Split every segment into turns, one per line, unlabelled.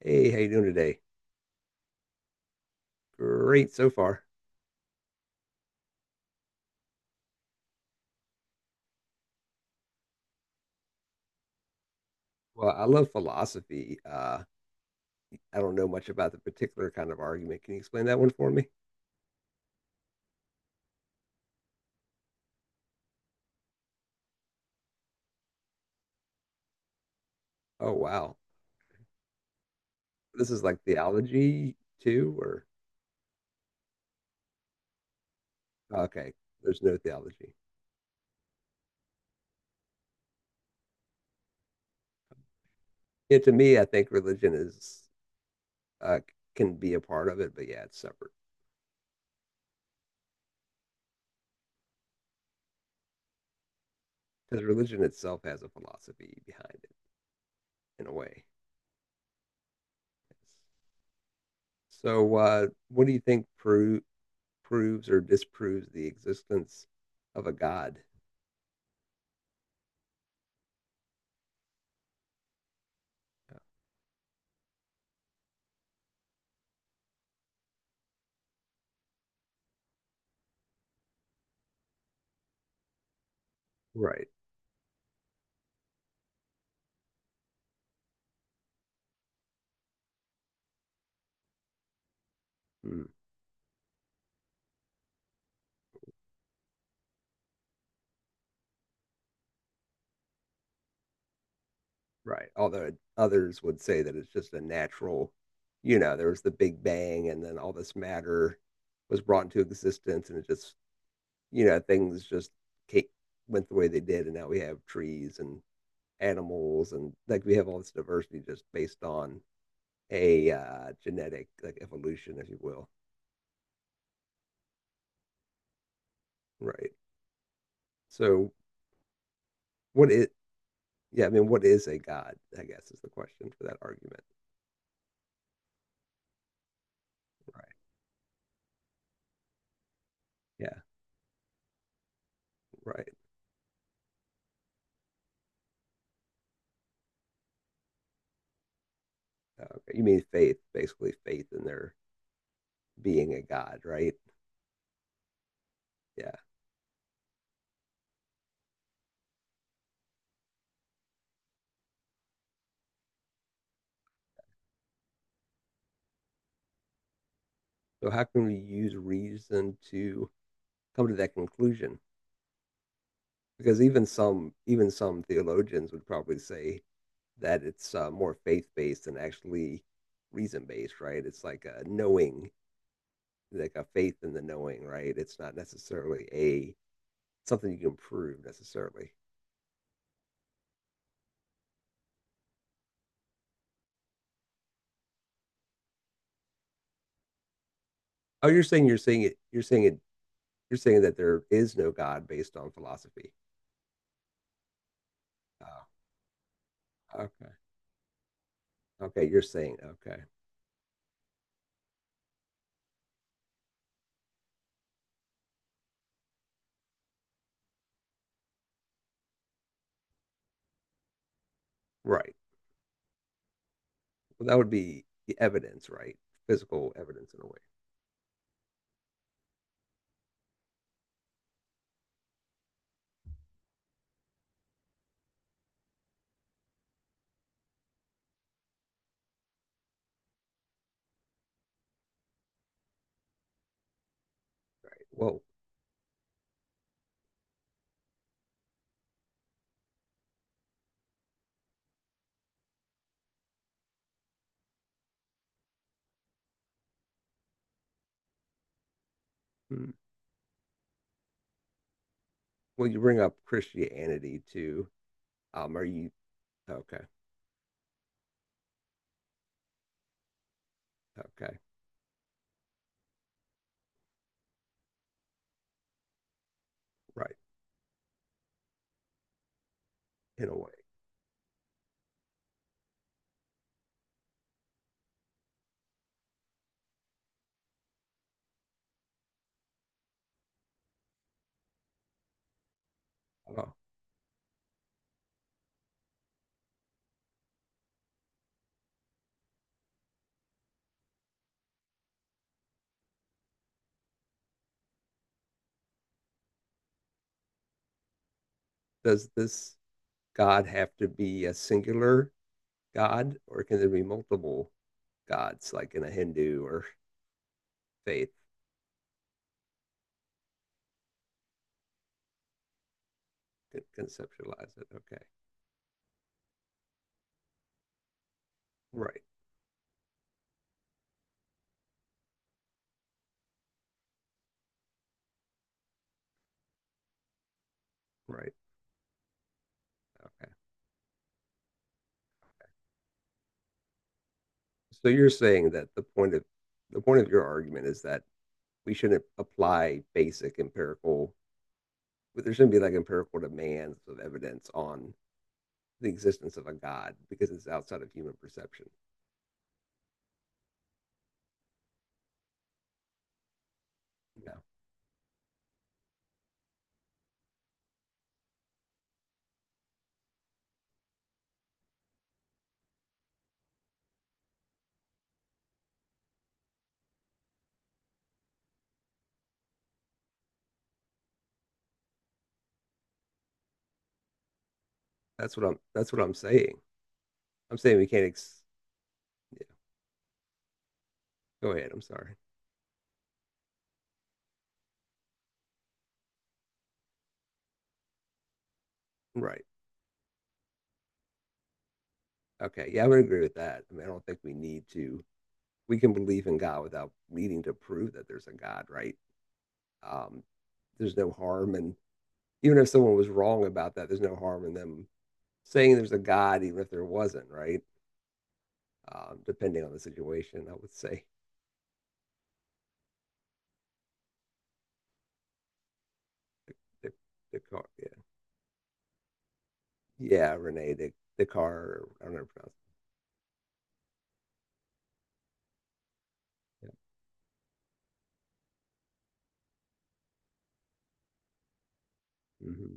Hey, how you doing today? Great so far. Well, I love philosophy. I don't know much about the particular kind of argument. Can you explain that one for me? Oh, wow. This is like theology too, or okay, there's no theology. Yeah, to me, I think religion is uh, can be a part of it, but yeah, it's separate because religion itself has a philosophy behind it in a way. So, what do you think proves or disproves the existence of a God? Right. Hmm. Right. Although others would say that it's just a natural, there was the Big Bang and then all this matter was brought into existence and it just, things just ca- went the way they did. And now we have trees and animals, and like we have all this diversity just based on a genetic like evolution, if you will. Right. So what is, yeah, I mean, what is a god? I guess is the question for that argument. Right. Yeah. Right. Okay, you mean faith, basically faith in their being a god, right? Yeah. So how can we use reason to come to that conclusion? Because even some theologians would probably say that it's more faith based than actually reason based, right? It's like a knowing, like a faith in the knowing, right? It's not necessarily a something you can prove necessarily. Oh, You're saying it. You're saying that there is no God based on philosophy. Oh, okay. Okay. You're saying Okay. Right. Well, that would be the evidence, right? Physical evidence in a way, right? Well, hmm. Well, you bring up Christianity too. Are you okay? Okay, right, in a way. Oh, does this God have to be a singular God, or can there be multiple gods, like in a Hindu or faith? Conceptualize it. Okay, right, right, okay. So you're saying that the point of your argument is that we shouldn't apply basic empirical but there shouldn't be like empirical demands of evidence on the existence of a god because it's outside of human perception. You know, That's what I'm saying. I'm saying we can't. Ex- yeah, go ahead. I'm sorry. Right. Okay. Yeah, I would agree with that. I mean, I don't think we need to. We can believe in God without needing to prove that there's a God, right? Um, there's no harm, and even if someone was wrong about that, there's no harm in them saying there's a God, even if there wasn't, right? Depending on the situation, I would say. The, the, the, yeah. Yeah, Rene, the car. I don't know how to pronounce. It. Yeah. Hmm.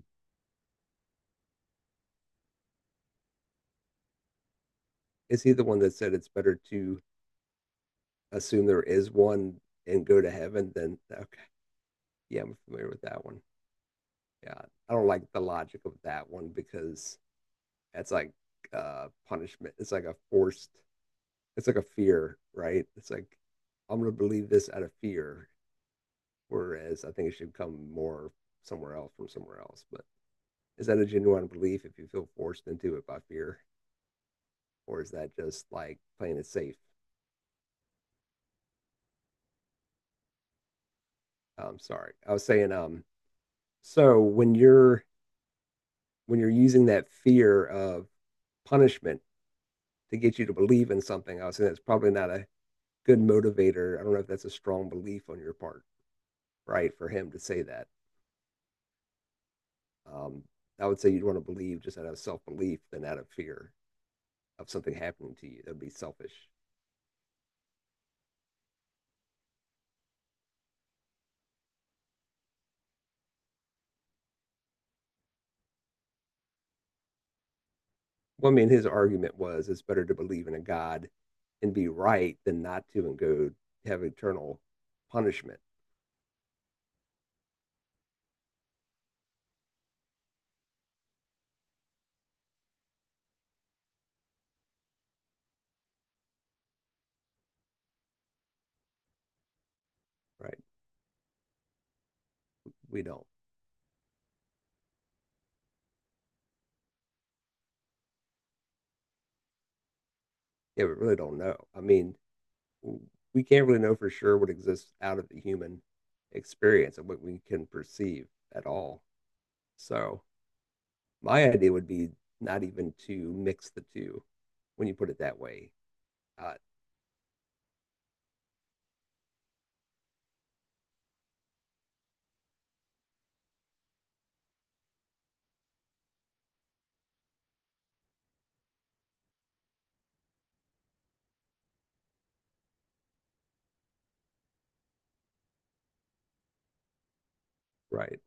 Is he the one that said it's better to assume there is one and go to heaven than okay? Yeah, I'm familiar with that one. Yeah, I don't like the logic of that one because that's like punishment. It's like a forced. It's like a fear, right? It's like I'm going to believe this out of fear, whereas I think it should come more somewhere else from somewhere else. But is that a genuine belief if you feel forced into it by fear? Or is that just like playing it safe? I'm sorry. I was saying, so when you're using that fear of punishment to get you to believe in something, I was saying that's probably not a good motivator. I don't know if that's a strong belief on your part, right? For him to say that, um, I would say you'd want to believe just out of self belief than out of fear of something happening to you. That'd be selfish. Well, I mean, his argument was it's better to believe in a God and be right than not to and go have eternal punishment, right? We don't. Yeah, we really don't know. I mean, we can't really know for sure what exists out of the human experience and what we can perceive at all. So my idea would be not even to mix the two when you put it that way. Uh, right.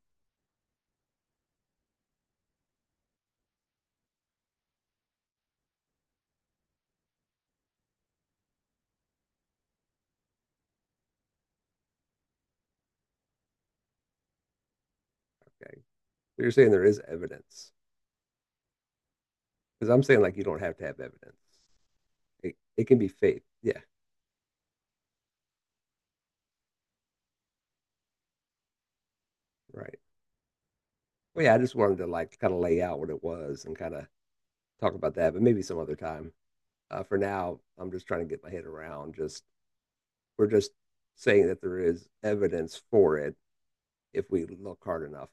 Okay. So you're saying there is evidence because I'm saying like you don't have to have evidence. It can be faith. Yeah. Right. Well, yeah. I just wanted to like kind of lay out what it was and kind of talk about that, but maybe some other time. For now, I'm just trying to get my head around just we're just saying that there is evidence for it if we look hard enough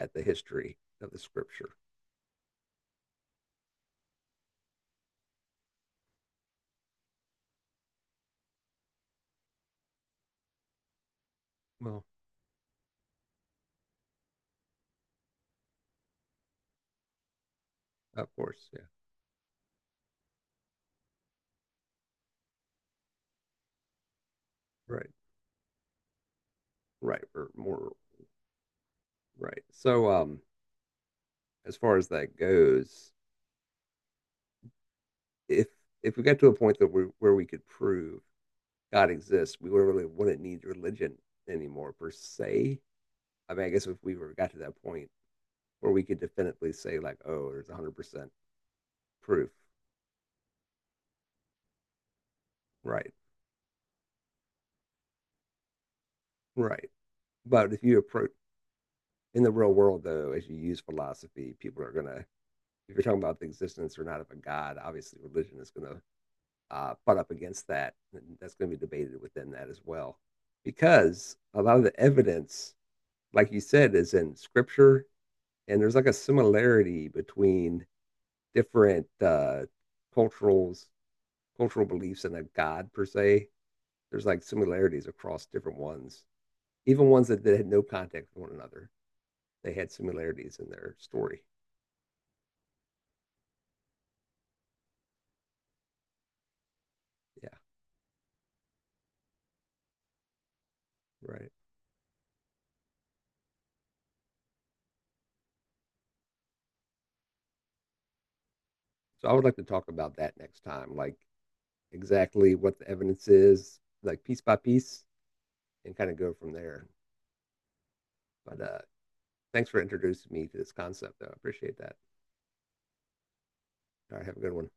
at the history of the scripture. Well, of course, yeah. Right. Right. Or more right. So as far as that goes, if if we got to a point that we where we could prove God exists, we would really wouldn't need religion anymore per se. I mean, I guess if we were got to that point where we could definitely say like, oh, there's 100% proof, right, right. But if you approach in the real world, though, as you use philosophy, people are gonna. If you're talking about the existence or not of a god, obviously religion is gonna butt up against that, and that's gonna be debated within that as well, because a lot of the evidence, like you said, is in scripture, and there's like a similarity between different culturals, cultural beliefs, and a god per se. There's like similarities across different ones, even ones that, had no contact with one another. They had similarities in their story. Yeah. Right. So I would like to talk about that next time, like exactly what the evidence is, like piece by piece, and kind of go from there. But thanks for introducing me to this concept, though. I appreciate that. All right. Have a good one.